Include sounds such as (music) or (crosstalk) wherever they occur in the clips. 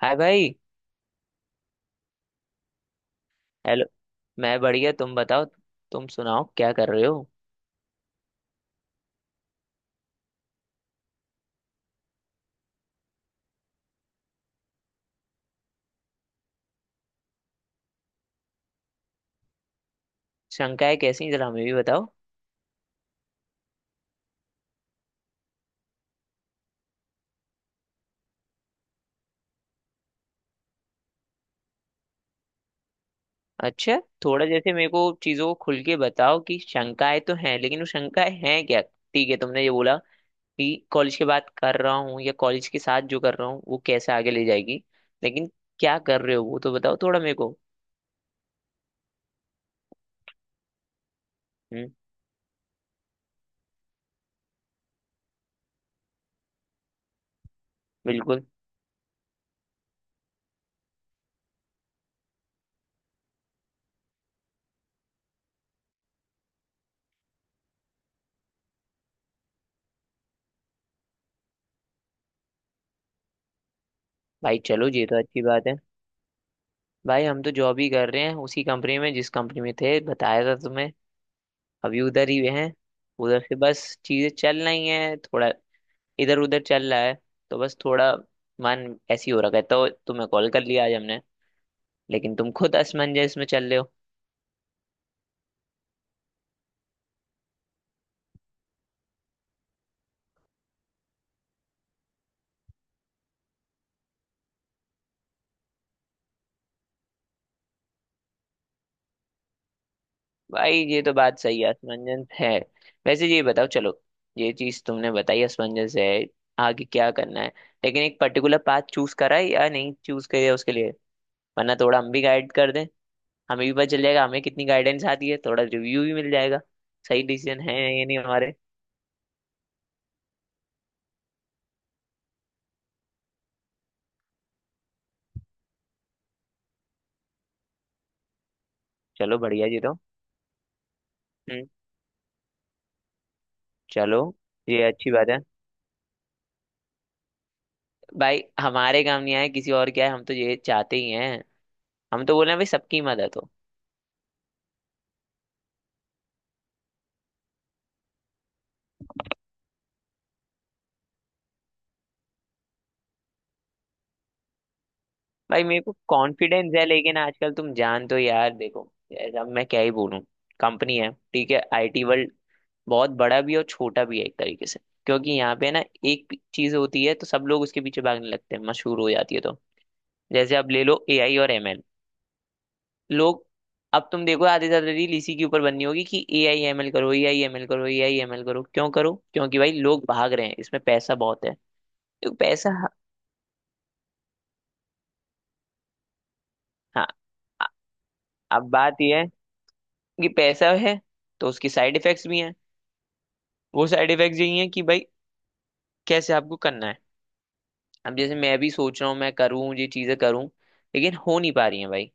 हाय भाई। हेलो। मैं बढ़िया, तुम बताओ। तुम सुनाओ क्या कर रहे हो? शंकाएं कैसी हैं? जरा हमें भी बताओ। अच्छा। थोड़ा जैसे मेरे को चीजों को खुल के बताओ कि शंकाएं तो हैं, लेकिन वो शंकाएं हैं क्या? ठीक है, तुमने ये बोला कि कॉलेज के बाद कर रहा हूँ या कॉलेज के साथ जो कर रहा हूँ वो कैसे आगे ले जाएगी। लेकिन क्या कर रहे हो वो तो बताओ थोड़ा मेरे को। हम्म। बिल्कुल। भाई चलो, ये तो अच्छी बात है। भाई, हम तो जॉब ही कर रहे हैं उसी कंपनी में, जिस कंपनी में थे, बताया था तुम्हें। अभी उधर ही हैं। उधर से बस चीजें चल रही हैं, थोड़ा इधर उधर चल रहा है। तो बस थोड़ा मन ऐसी हो रखा है तो तुम्हें कॉल कर लिया आज हमने। लेकिन तुम खुद असमंजस में चल रहे हो। भाई, ये तो बात सही है, असमंजस है। वैसे ये बताओ चलो, ये चीज तुमने बताई असमंजस है, आगे क्या करना है। लेकिन एक पर्टिकुलर पाथ चूज करा है या नहीं चूज करा उसके लिए? वरना थोड़ा हम भी गाइड कर दें। हमें भी पता चल जाएगा हमें कितनी गाइडेंस आती है, थोड़ा रिव्यू भी मिल जाएगा सही डिसीजन है या नहीं हमारे। चलो बढ़िया जी तो। हम्म। चलो, ये अच्छी बात है। भाई हमारे काम नहीं आए किसी और क्या है, हम तो ये चाहते ही हैं। हम तो बोल रहे हैं भाई, सबकी मदद हो। भाई, मेरे को कॉन्फिडेंस है, लेकिन आजकल तुम जान तो यार, देखो यार, अब मैं क्या ही बोलूं। कंपनी है ठीक है, आईटी वर्ल्ड बहुत बड़ा भी है और छोटा भी है एक तरीके से। क्योंकि यहाँ पे ना, एक चीज होती है तो सब लोग उसके पीछे भागने लगते हैं, मशहूर हो जाती है। तो जैसे अब ले लो एआई और एमएल। लोग, अब तुम देखो आधे से ज्यादा रील इसी के ऊपर बननी होगी कि एआईएमएल करो, एआईएमएल करो, ए आई एम एल करो। क्यों करो? क्योंकि भाई लोग भाग रहे हैं, इसमें पैसा बहुत है। तो पैसा। हाँ। अ- अब बात यह है कि पैसा है तो उसकी साइड इफेक्ट्स भी हैं। वो साइड इफेक्ट्स यही हैं कि भाई, कैसे आपको करना है। अब जैसे मैं भी सोच रहा हूँ मैं करूँ, ये चीजें करूँ, लेकिन हो नहीं पा रही है भाई।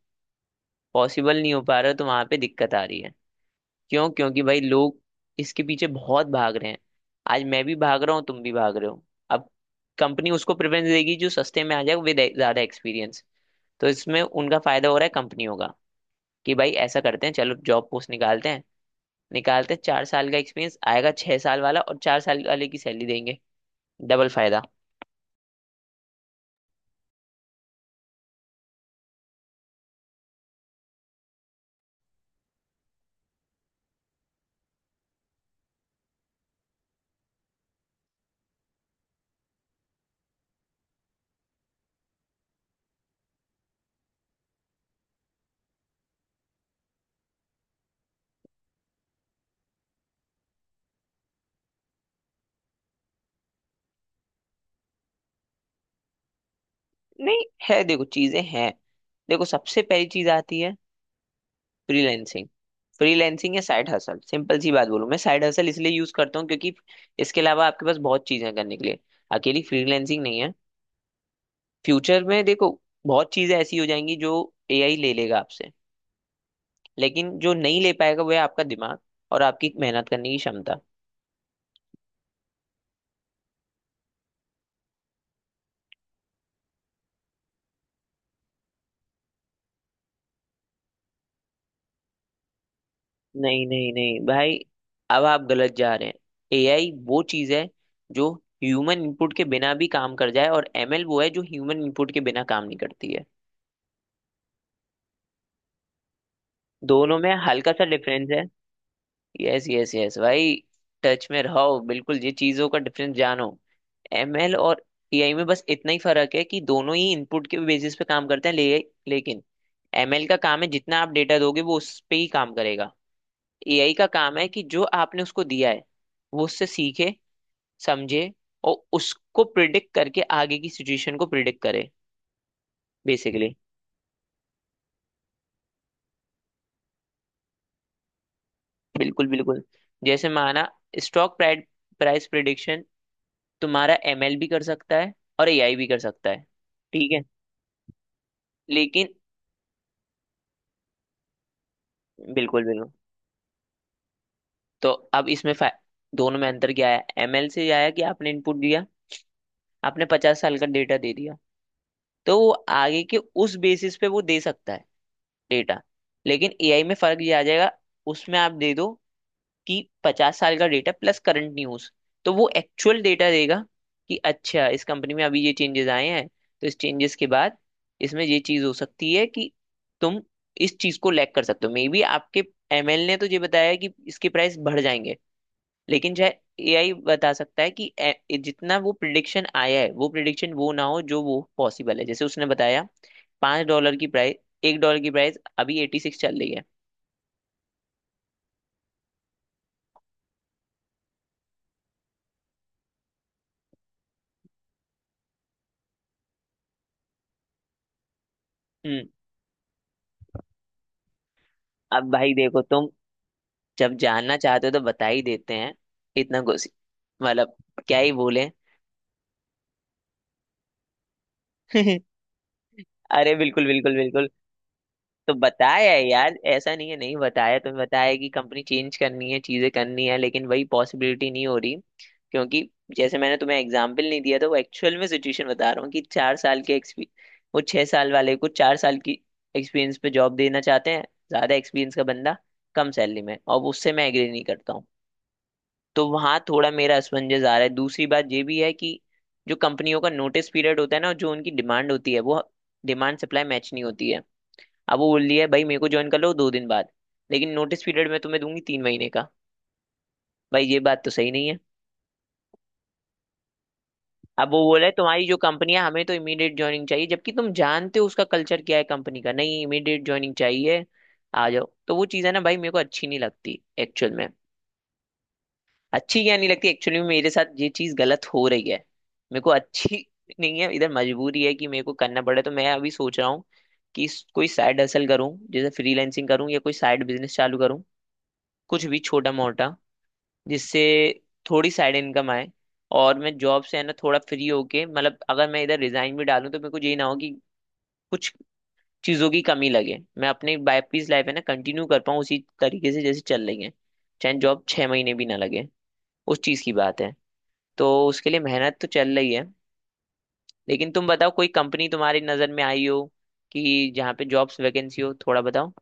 पॉसिबल नहीं हो पा रहा, तो वहां पे दिक्कत आ रही है। क्यों? क्योंकि भाई लोग इसके पीछे बहुत भाग रहे हैं। आज मैं भी भाग रहा हूँ, तुम भी भाग रहे हो। अब कंपनी उसको प्रेफरेंस देगी जो सस्ते में आ जाए विद ज्यादा एक्सपीरियंस। तो इसमें उनका फायदा हो रहा है कंपनियों का। कि भाई ऐसा करते हैं चलो जॉब पोस्ट निकालते हैं। निकालते हैं 4 साल का एक्सपीरियंस, आएगा 6 साल वाला और 4 साल वाले की सैलरी देंगे। डबल फायदा। नहीं है, देखो चीजें हैं। देखो सबसे पहली चीज आती है, फ्रीलैंसिंग। फ्रीलैंसिंग या साइड हसल, सिंपल सी बात बोलूं, मैं साइड हसल इसलिए यूज करता हूँ क्योंकि इसके अलावा आपके पास बहुत चीजें हैं करने के लिए, अकेली फ्रीलैंसिंग नहीं है। फ्यूचर में देखो, बहुत चीजें ऐसी हो जाएंगी जो एआई ले लेगा आपसे, लेकिन जो नहीं ले पाएगा वो है आपका दिमाग और आपकी मेहनत करने की क्षमता। नहीं नहीं नहीं भाई, अब आप गलत जा रहे हैं। एआई वो चीज है जो ह्यूमन इनपुट के बिना भी काम कर जाए और एमएल वो है जो ह्यूमन इनपुट के बिना काम नहीं करती है। दोनों में हल्का सा डिफरेंस है। यस यस यस भाई, टच में रहो, बिल्कुल ये चीजों का डिफरेंस जानो। एमएल और टीआई में बस इतना ही फर्क है कि दोनों ही इनपुट के बेसिस पे काम करते हैं, लेकिन एमएल का काम है जितना आप डेटा दोगे वो उस पे ही काम करेगा। एआई का काम है कि जो आपने उसको दिया है वो उससे सीखे, समझे, और उसको प्रिडिक्ट करके आगे की सिचुएशन को प्रिडिक्ट करे। बेसिकली। बिल्कुल बिल्कुल। जैसे माना स्टॉक प्राइस, तुम्हारा एमएल भी कर सकता है और एआई भी कर सकता है। ठीक है। लेकिन बिल्कुल बिल्कुल। तो अब इसमें दोनों में अंतर क्या है? एमएल से आया कि आपने इनपुट दिया, आपने पचास साल का डेटा दे दिया तो वो आगे के उस बेसिस पे वो दे सकता है डेटा। लेकिन एआई में फर्क ये आ जाएगा। उसमें आप दे दो कि 50 साल का डेटा प्लस करंट न्यूज, तो वो एक्चुअल डेटा देगा कि अच्छा इस कंपनी में अभी ये चेंजेस आए हैं तो इस चेंजेस के बाद इसमें ये चीज हो सकती है कि तुम इस चीज को लैग कर सकते हो। मे बी आपके एमएल ने तो ये बताया है कि इसके प्राइस बढ़ जाएंगे। लेकिन चाहे एआई बता सकता है कि जितना वो प्रिडिक्शन आया है वो प्रिडिक्शन वो ना हो जो वो पॉसिबल है। जैसे उसने बताया $5 की प्राइस, $1 की प्राइस अभी 86 चल रही है। हम्म। अब भाई देखो, तुम जब जानना चाहते हो तो बता ही देते हैं इतना कुछ, मतलब क्या ही बोले। (laughs) अरे बिल्कुल बिल्कुल बिल्कुल। तो बताया है यार, ऐसा नहीं है नहीं बताया तुम्हें, बताया कि कंपनी चेंज करनी है, चीजें करनी है, लेकिन वही पॉसिबिलिटी नहीं हो रही। क्योंकि जैसे मैंने तुम्हें एग्जाम्पल नहीं दिया था, वो एक्चुअल में सिचुएशन बता रहा हूँ कि 4 साल के एक्सपीरियंस, वो 6 साल वाले को 4 साल की एक्सपीरियंस पे जॉब देना चाहते हैं। ज्यादा एक्सपीरियंस का बंदा कम सैलरी में, और उससे मैं एग्री नहीं करता हूँ। तो वहां थोड़ा मेरा असमंजस आ रहा है। दूसरी बात ये भी है कि जो कंपनियों का नोटिस पीरियड होता है ना और जो उनकी डिमांड होती है, वो डिमांड सप्लाई मैच नहीं होती है। अब वो बोल दिया है भाई मेरे को ज्वाइन कर लो 2 दिन बाद, लेकिन नोटिस पीरियड में तुम्हें दूंगी 3 महीने का। भाई ये बात तो सही नहीं है। अब वो बोला है तुम्हारी जो कंपनी है हमें तो इमीडिएट ज्वाइनिंग चाहिए, जबकि तुम जानते हो उसका कल्चर क्या है कंपनी का, नहीं इमीडिएट ज्वाइनिंग चाहिए आ जाओ। तो वो चीज़ है ना भाई, मेरे को अच्छी नहीं लगती एक्चुअल में। अच्छी क्या नहीं लगती, एक्चुअली मेरे साथ ये चीज गलत हो रही है। मेरे को अच्छी (laughs) नहीं है। इधर मजबूरी है कि मेरे को करना पड़े, तो मैं अभी सोच रहा हूँ कि कोई साइड हसल करूँ जैसे फ्रीलैंसिंग करूँ या कोई साइड बिजनेस चालू करूँ, कुछ भी छोटा मोटा, जिससे थोड़ी साइड इनकम आए। और मैं जॉब से है ना थोड़ा फ्री होके, मतलब अगर मैं इधर रिजाइन भी डालूँ तो मेरे को ये ना हो कि कुछ चीजों की कमी लगे, मैं अपनी वाइफ लाइफ है ना कंटिन्यू कर पाऊँ उसी तरीके से जैसे चल रही है। चाहे जॉब 6 महीने भी ना लगे, उस चीज की बात है। तो उसके लिए मेहनत तो चल रही है। लेकिन तुम बताओ कोई कंपनी तुम्हारी नज़र में आई हो कि जहाँ पे जॉब्स वैकेंसी हो, थोड़ा बताओ।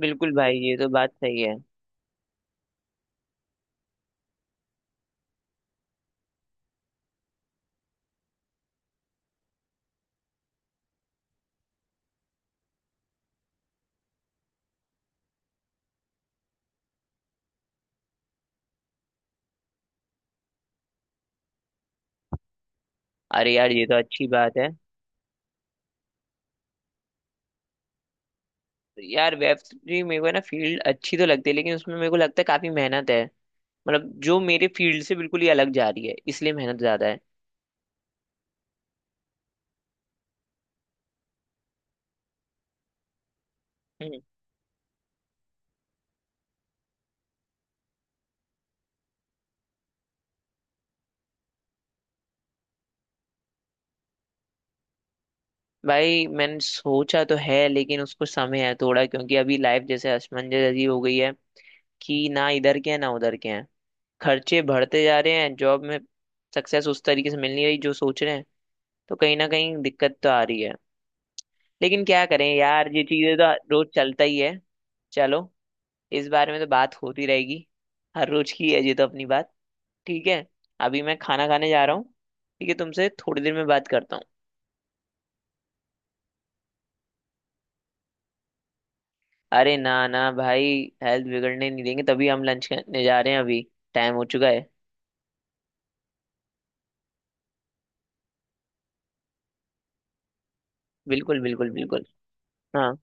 बिल्कुल भाई, ये तो बात सही है। अरे यार, ये तो अच्छी बात है। यार वेब 3 मेरे को है ना फील्ड अच्छी तो लगती है, लेकिन उसमें मेरे को लगता है काफी मेहनत है। मतलब जो मेरे फील्ड से बिल्कुल ही अलग जा रही है, इसलिए मेहनत ज्यादा है। हम्म। भाई मैंने सोचा तो है, लेकिन उसको समय है थोड़ा, क्योंकि अभी लाइफ जैसे असमंजस जैसी हो गई है कि ना इधर के हैं ना उधर के हैं। खर्चे बढ़ते जा रहे हैं, जॉब में सक्सेस उस तरीके से मिल नहीं रही जो सोच रहे हैं, तो कहीं ना कहीं दिक्कत तो आ रही है। लेकिन क्या करें यार, ये चीजें तो रोज चलता ही है। चलो, इस बारे में तो बात होती रहेगी, हर रोज की है ये तो अपनी बात। ठीक है, अभी मैं खाना खाने जा रहा हूँ। ठीक है, तुमसे थोड़ी देर में बात करता हूँ। अरे ना ना भाई, हेल्थ बिगड़ने नहीं देंगे तभी हम लंच करने जा रहे हैं अभी, टाइम हो चुका है। बिल्कुल बिल्कुल बिल्कुल। हाँ।